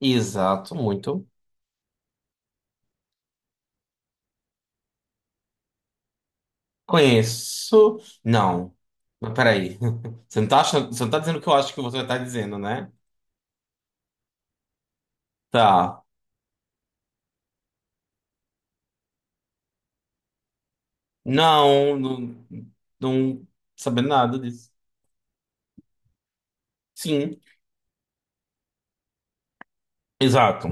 Exato, muito. Conheço. Não. Mas peraí. Você não tá dizendo o que eu acho que você tá dizendo, né? Tá. Não, não, não, sabendo nada disso. Sim, exato.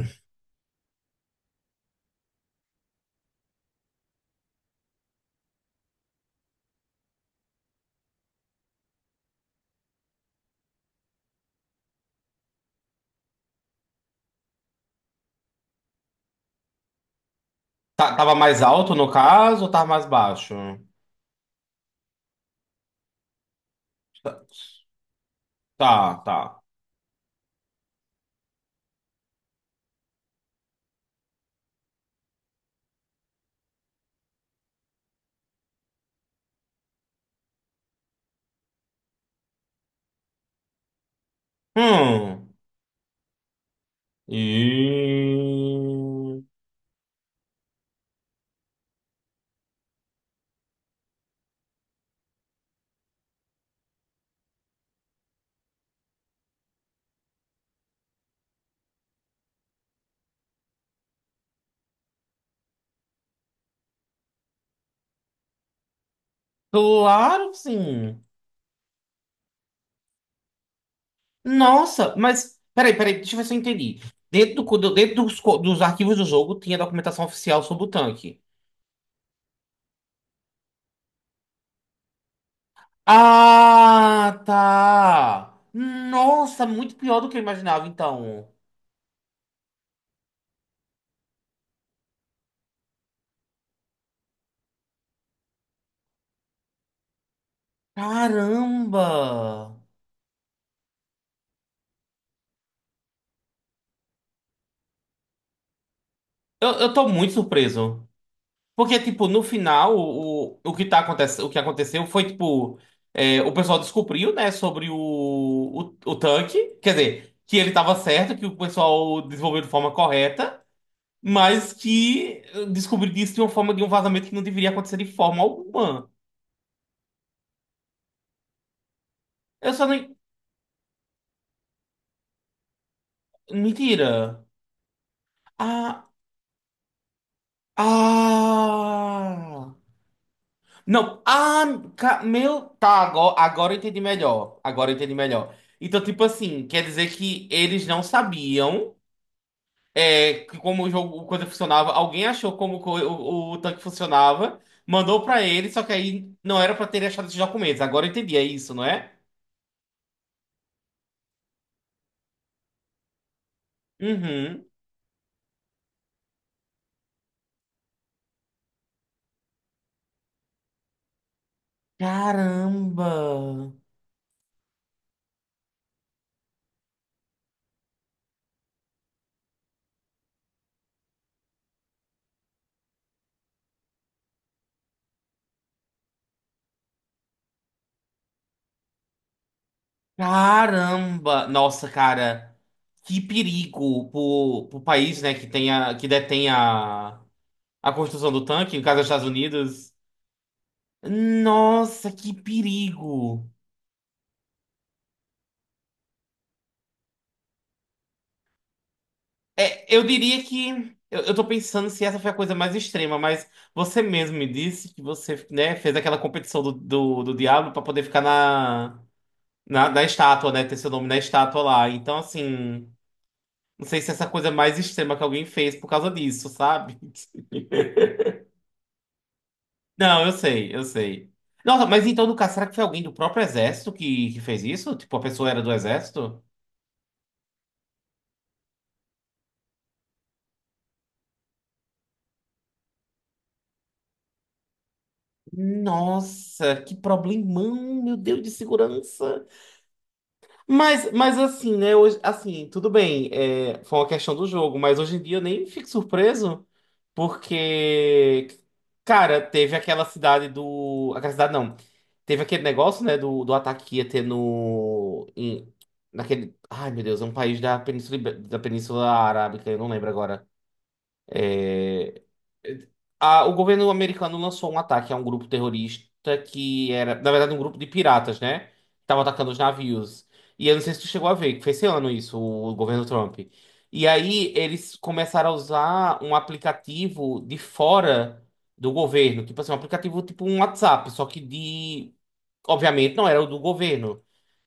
Tava mais alto no caso ou tava mais baixo? Tá. Hum. E... Claro que sim. Nossa, mas peraí, deixa eu ver se eu entendi. Dentro dos arquivos do jogo tinha documentação oficial sobre o tanque. Ah, tá. Nossa, muito pior do que eu imaginava, então. Caramba! Eu tô muito surpreso. Porque, tipo, no final, o que aconteceu foi, tipo, o pessoal descobriu, né, sobre o tanque. Quer dizer, que ele tava certo, que o pessoal desenvolveu de forma correta. Mas que eu descobri disso de uma forma de um vazamento que não deveria acontecer de forma alguma. Eu só nem. Mentira. Ah. Ah. Não. Ah, meu. Tá, agora eu entendi melhor. Agora eu entendi melhor. Então, tipo assim, quer dizer que eles não sabiam que como o coisa funcionava. Alguém achou como o tanque funcionava, mandou pra ele, só que aí não era pra ter achado esses documentos. Agora eu entendi, é isso, não é? Uhum. Caramba! Caramba! Nossa, cara, que perigo pro país, né, que detém a construção do tanque, no caso dos Estados Unidos. Nossa, que perigo! É, eu diria que. Eu tô pensando se essa foi a coisa mais extrema, mas você mesmo me disse que você, né, fez aquela competição do Diablo pra poder ficar na estátua, né, ter seu nome na estátua lá. Então, assim. Não sei se é essa coisa mais extrema que alguém fez por causa disso, sabe? Não, eu sei. Nossa, mas então, no caso, será que foi alguém do próprio exército que fez isso? Tipo, a pessoa era do exército? Nossa, que problemão, meu Deus, de segurança. Mas assim, né? Hoje, assim, tudo bem, foi uma questão do jogo, mas hoje em dia eu nem fico surpreso, porque, cara, teve aquela cidade do. Aquela cidade não. Teve aquele negócio, né, do ataque que ia ter no. em- naquele. Ai, meu Deus, é um país da Península Arábica, eu não lembro agora o governo americano lançou um ataque a um grupo terrorista que era, na verdade, um grupo de piratas, né? Que estavam atacando os navios. E eu não sei se tu chegou a ver, que foi esse ano isso, o governo Trump. E aí eles começaram a usar um aplicativo de fora do governo, tipo assim, um aplicativo tipo um WhatsApp, só que de, obviamente, não era o do governo.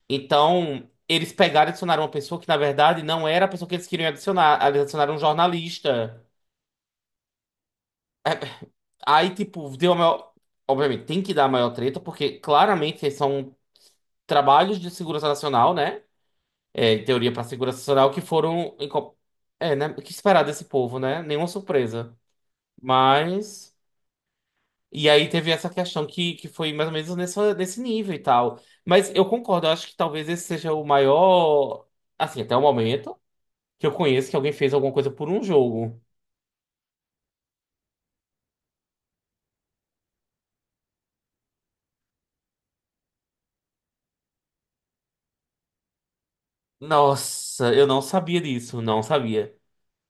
Então, eles pegaram e adicionaram uma pessoa que, na verdade, não era a pessoa que eles queriam adicionar. Eles adicionaram um jornalista. É, Aí, tipo, deu a maior. Obviamente, tem que dar a maior treta, porque claramente são trabalhos de segurança nacional, né? É, em teoria para segurança nacional, É, né? O que esperar desse povo, né? Nenhuma surpresa. Mas. E aí teve essa questão que foi mais ou menos nessa, nesse nível e tal. Mas eu concordo, eu acho que talvez esse seja o maior. Assim, até o momento, que eu conheço que alguém fez alguma coisa por um jogo. Nossa, eu não sabia disso, não sabia.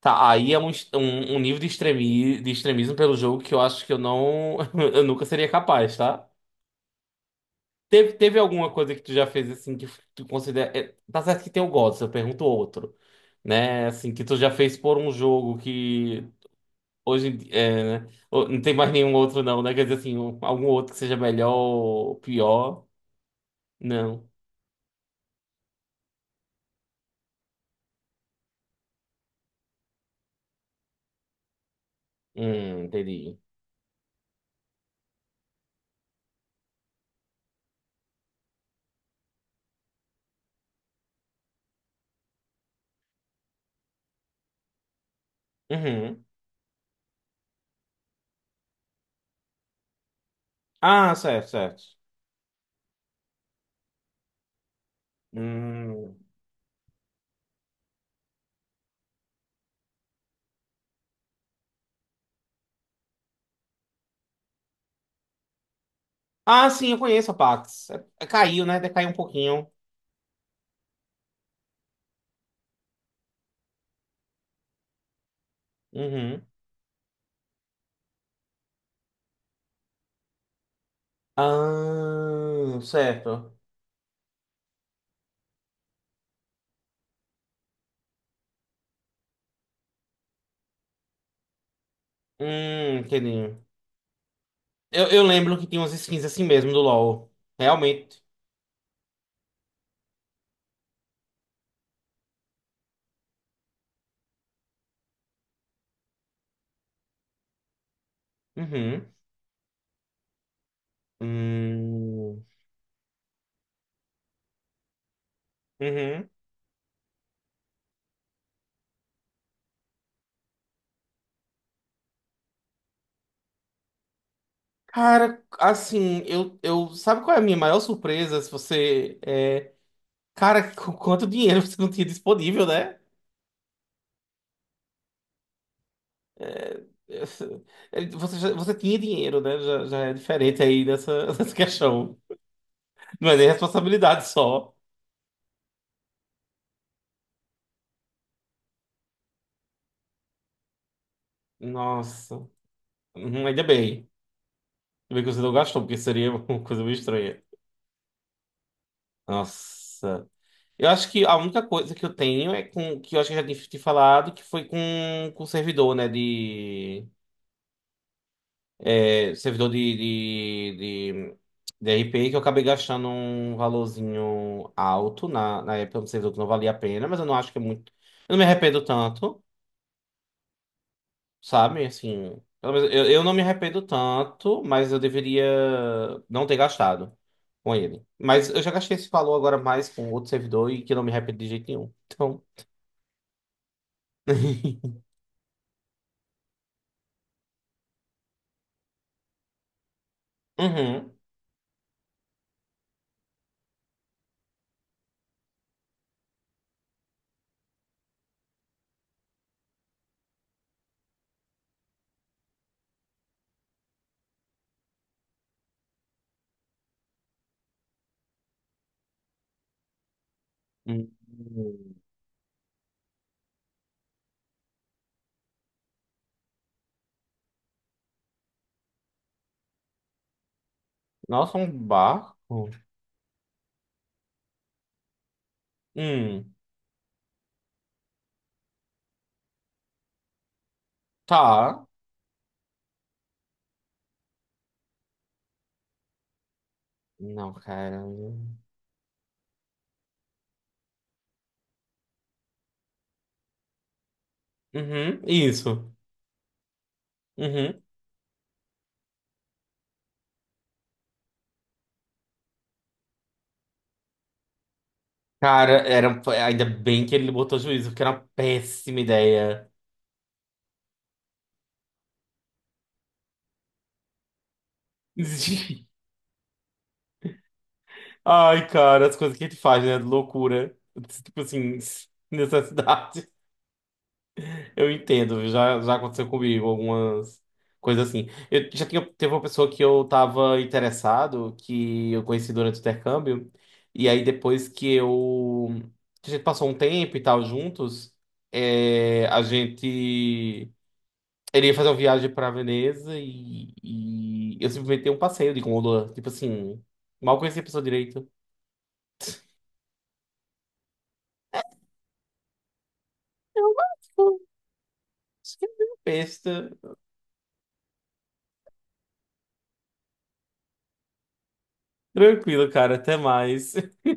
Tá, aí é um nível de, extremismo pelo jogo que eu acho que eu não. Eu nunca seria capaz, tá? Teve alguma coisa que tu já fez assim que tá certo que tem o GOTS, eu pergunto outro. Né? Assim, que tu já fez por um jogo que É, né? Ô, Não tem mais nenhum outro, não, né? Quer dizer assim, algum outro que seja melhor ou pior. Não. Entendi. Uhum. Ah, certo. Hum. Ah, sim, eu conheço a Pax. Caiu, né? Decaiu um pouquinho. Uhum. Ah, certo. Entendi. Eu lembro que tinha umas skins assim mesmo do LoL. Realmente. Uhum. Hum. Uhum. Cara, assim, eu, eu. Sabe qual é a minha maior surpresa? Se você. É... Cara, com quanto dinheiro você não tinha disponível, né? É, Você, você tinha dinheiro, né? Já é diferente aí dessa, dessa questão. Não é nem responsabilidade só. Nossa. Uhum, ainda bem. Ainda bem que você não gastou, porque seria uma coisa meio estranha. Nossa. Eu acho que a única coisa que eu tenho é com que eu acho que eu já tinha te falado, que foi com servidor, né? Servidor de, de RP, que eu acabei gastando um valorzinho alto na, na época, um servidor que não valia a pena, mas eu não acho que é muito. Eu não me arrependo tanto. Sabe, assim, pelo menos eu não me arrependo tanto, mas eu deveria não ter gastado com ele. Mas eu já gastei esse valor agora mais com outro servidor e que eu não me arrependo de jeito nenhum. Então. Uhum. Hum. Nossa, um barco? Hum, tá. Não, cara. Uhum, isso. Uhum. Cara, era, ainda bem que ele botou juízo, porque era uma péssima ideia. Ai, cara, as coisas que a gente faz, né? Loucura. Tipo assim, necessidade. Eu entendo, viu? Já aconteceu comigo algumas coisas assim. Teve uma pessoa que eu tava interessado, que eu conheci durante o intercâmbio, e aí depois que eu. Que A gente passou um tempo e tal juntos, é, a gente. Ele ia fazer uma viagem pra Veneza e eu simplesmente dei um passeio de gôndola. Tipo assim, mal conhecia a pessoa direito. Acho que é besta. Tranquilo, cara. Até mais.